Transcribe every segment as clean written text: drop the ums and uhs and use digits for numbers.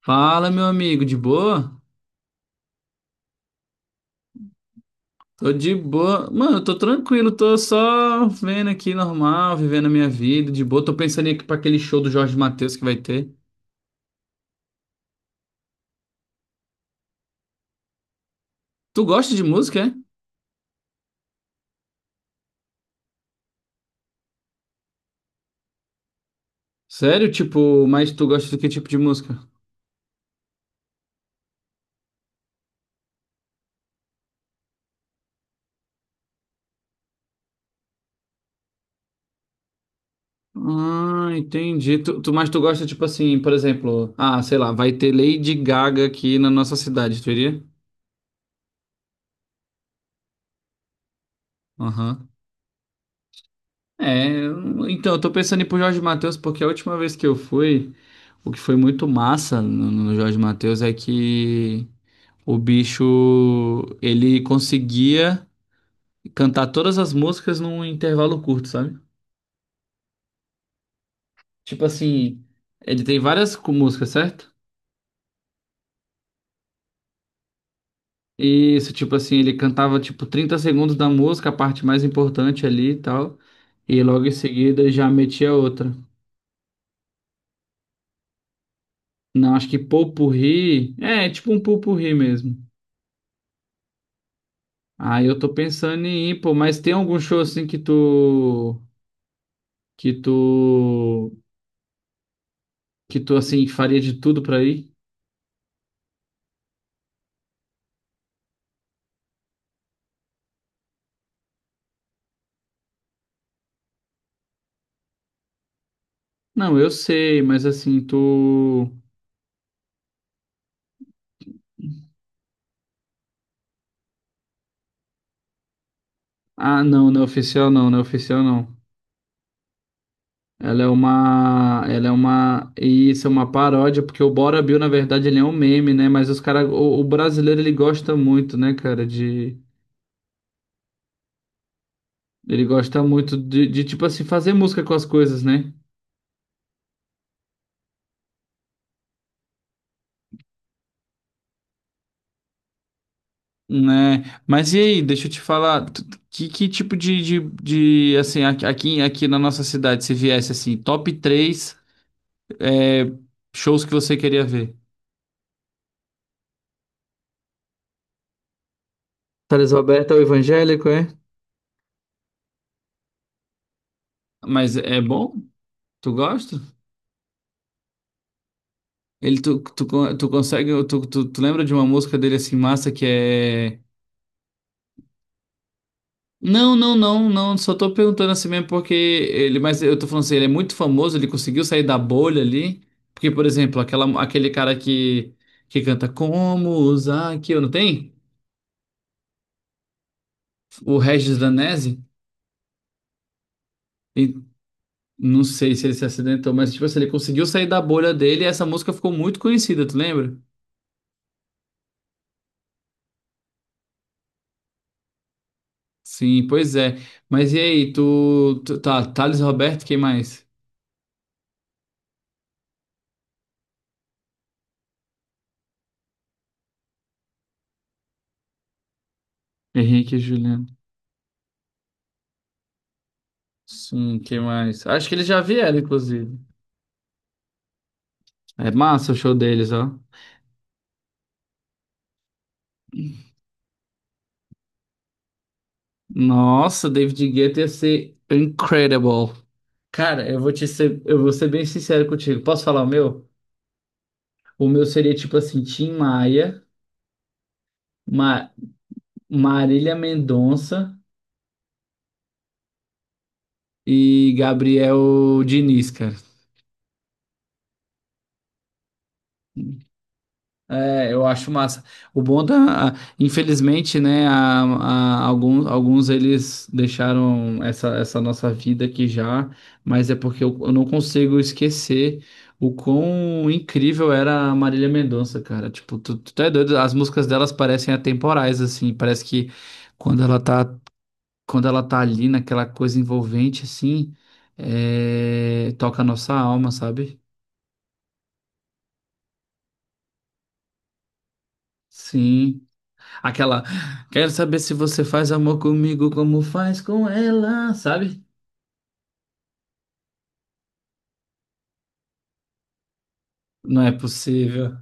Fala, meu amigo, de boa? Tô de boa. Mano, eu tô tranquilo, tô só vendo aqui normal, vivendo a minha vida, de boa. Tô pensando aqui pra aquele show do Jorge Mateus que vai ter. Tu gosta de música, é? Sério? Tipo, mas tu gosta do que tipo de música? Ah, entendi. Mas tu gosta, tipo assim, por exemplo, ah, sei lá, vai ter Lady Gaga aqui na nossa cidade, tu iria? Aham. Então, eu tô pensando em ir pro Jorge Mateus porque a última vez que eu fui, o que foi muito massa no Jorge Mateus é que o bicho, ele conseguia cantar todas as músicas num intervalo curto, sabe? Tipo assim, ele tem várias músicas, certo? Isso, tipo assim, ele cantava tipo 30 segundos da música, a parte mais importante ali e tal, e logo em seguida já metia outra. Não, acho que Popurrí, é, tipo um Popurrí mesmo. Ah, eu tô pensando em ir, pô, mas tem algum show assim que tu que tu assim faria de tudo pra ir? Não, eu sei, mas assim, tu. Ah, não, não é oficial não, não é oficial não. Ela é uma isso é uma paródia porque o Bora Bill na verdade ele é um meme, né? Mas os cara o brasileiro ele gosta muito, né, cara, de, ele gosta muito de tipo assim fazer música com as coisas, né? Né? Mas e aí, deixa eu te falar, que tipo de, assim, aqui, aqui na nossa cidade, se viesse assim, top três, é, shows que você queria ver? Thales Roberto é o evangélico, é? Mas é bom? Tu gosta? Ele, tu consegue, tu lembra de uma música dele assim, massa, que é. Não. Só tô perguntando assim mesmo porque ele, mas eu tô falando assim, ele é muito famoso, ele conseguiu sair da bolha ali. Porque, por exemplo, aquele cara que canta Como usar aqui, não tem? O Regis Danese. E não sei se ele se acidentou, mas tipo assim, ele conseguiu sair da bolha dele e essa música ficou muito conhecida, tu lembra? Sim, pois é. Mas e aí, tu tá, Thales Roberto, quem mais? Henrique e Juliano. Sim, quem mais? Acho que eles já vieram, inclusive. É massa o show deles, ó. Nossa, David Guetta ia ser incredible. Cara, eu vou ser bem sincero contigo. Posso falar o meu? O meu seria tipo assim, Tim Maia, Ma- Marília Mendonça e Gabriel Diniz, cara. É, eu acho massa. O bom da, infelizmente, né, alguns, alguns eles deixaram essa nossa vida aqui já, mas é porque eu não consigo esquecer o quão incrível era a Marília Mendonça, cara. Tipo, tu é doido, as músicas delas parecem atemporais, assim, parece que quando ela tá, quando ela tá ali naquela coisa envolvente, assim, é, toca a nossa alma, sabe? Sim. Aquela, quero saber se você faz amor comigo como faz com ela, sabe? Não é possível.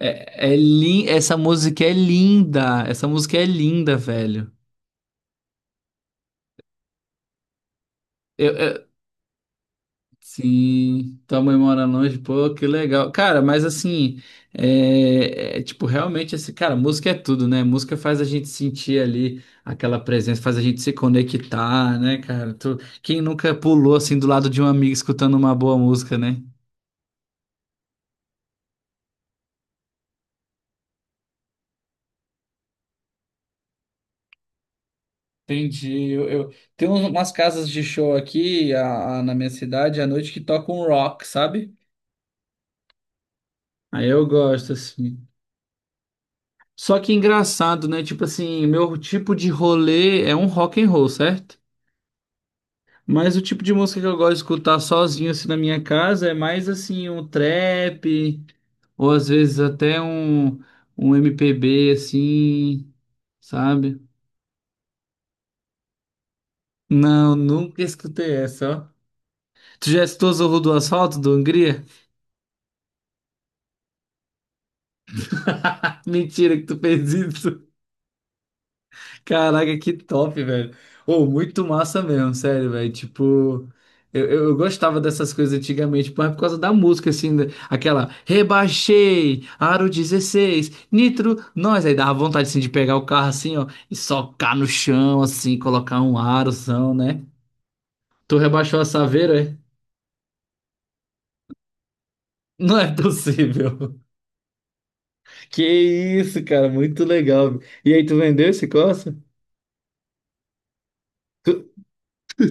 É, é lin... Essa música é linda. Essa música é linda, velho. Eu, eu- Sim, tua mãe mora longe, pô, que legal. Cara, mas assim, tipo, realmente, esse, cara, música é tudo, né? Música faz a gente sentir ali aquela presença, faz a gente se conectar, né, cara? Tu, quem nunca pulou assim do lado de um amigo escutando uma boa música, né? Entendi. Tem umas casas de show aqui na minha cidade à noite que tocam rock, sabe? Aí eu gosto, assim. Só que engraçado, né? Tipo assim, meu tipo de rolê é um rock and roll, certo? Mas o tipo de música que eu gosto de escutar sozinho, assim, na minha casa é mais, assim, um trap, ou às vezes até um MPB, assim, sabe? Não, nunca escutei essa, ó. Tu já escutou Zorro do Asfalto, do Hungria? Mentira que tu fez isso. Caraca, que top, velho. Ô, muito massa mesmo, sério, velho. Tipo, eu gostava dessas coisas antigamente, mas por causa da música, assim, da- aquela rebaixei, aro 16, nitro, nós. Aí dava vontade, assim, de pegar o carro, assim, ó, e socar no chão, assim, colocar um arozão, né? Tu rebaixou a Saveiro, é? Não é possível. Que isso, cara, muito legal. E aí, tu vendeu esse Corsa? Tu,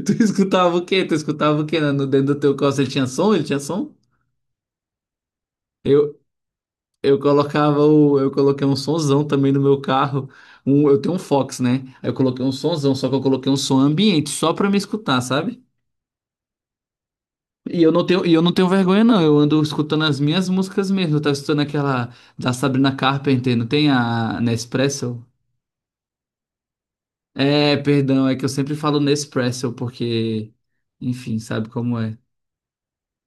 tu escutava o quê? Tu escutava o quê, né? No dentro do teu Corsa ele tinha som? Ele tinha som? Eu, eu coloquei um sonzão também no meu carro. Um, eu tenho um Fox, né? Aí eu coloquei um sonzão, só que eu coloquei um som ambiente só pra me escutar, sabe? E eu não tenho, e eu não tenho vergonha não. Eu ando escutando as minhas músicas mesmo. Eu tava escutando aquela da Sabrina Carpenter, não tem a Nespresso? É, perdão, é que eu sempre falo Nespresso porque enfim, sabe como é.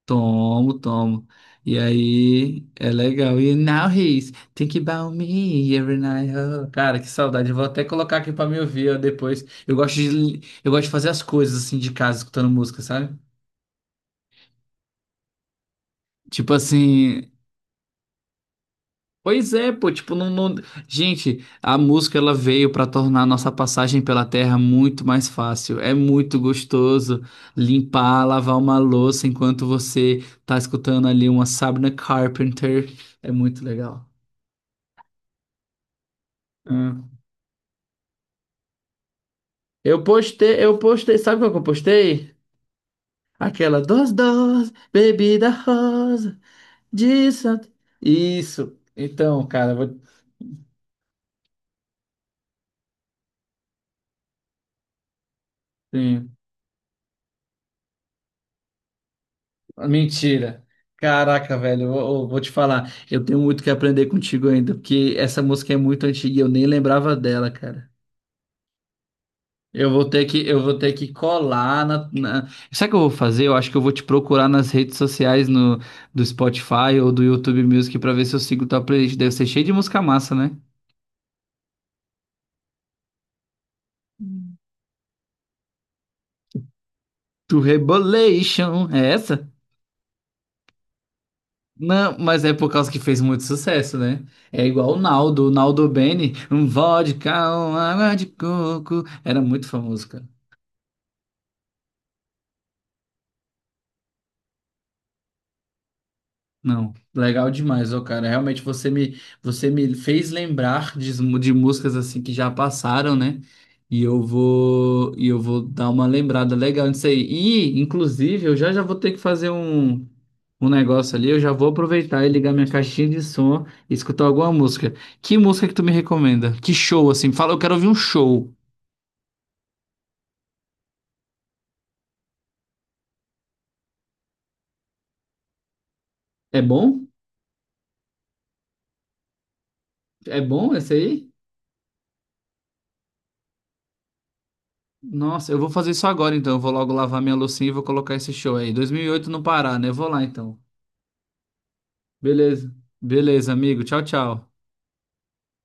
Tomo, tomo. E aí, é legal. E now he's think about me every night. Oh. Cara, que saudade. Eu vou até colocar aqui pra me ouvir ó, depois. Eu gosto de fazer as coisas assim de casa, escutando música, sabe? Tipo assim. Pois é, pô. Tipo, não, não... Gente, a música ela veio pra tornar a nossa passagem pela terra muito mais fácil. É muito gostoso limpar, lavar uma louça enquanto você tá escutando ali uma Sabrina Carpenter. É muito legal. Hum. Eu postei, sabe qual que eu postei? Aquela dos bebida rosa, disso. Isso. Então, cara, vou... sim. Mentira. Caraca, velho, eu vou te falar. Eu tenho muito que aprender contigo ainda, porque essa música é muito antiga e eu nem lembrava dela, cara. Eu vou ter que colar na... Sabe o que eu vou fazer? Eu acho que eu vou te procurar nas redes sociais no, do Spotify ou do YouTube Music pra ver se eu sigo tua playlist. Deve ser cheio de música massa, né? To Rebolation, é essa? Não, mas é por causa que fez muito sucesso, né? É igual o Naldo Bene, um vodka, uma água de coco, era muito famoso, cara. Não, legal demais, ó, cara. Realmente você me fez lembrar de músicas assim que já passaram, né? E eu vou dar uma lembrada legal nisso aí. E, inclusive, eu já já vou ter que fazer um, um negócio ali. Eu já vou aproveitar e ligar minha caixinha de som e escutar alguma música. Que música que tu me recomenda? Que show, assim? Fala, eu quero ouvir um show. É bom? É bom esse aí? Nossa, eu vou fazer isso agora então. Eu vou logo lavar minha loucinha e vou colocar esse show aí. 2008 no Pará, né? Eu vou lá então. Beleza. Beleza, amigo. Tchau, tchau.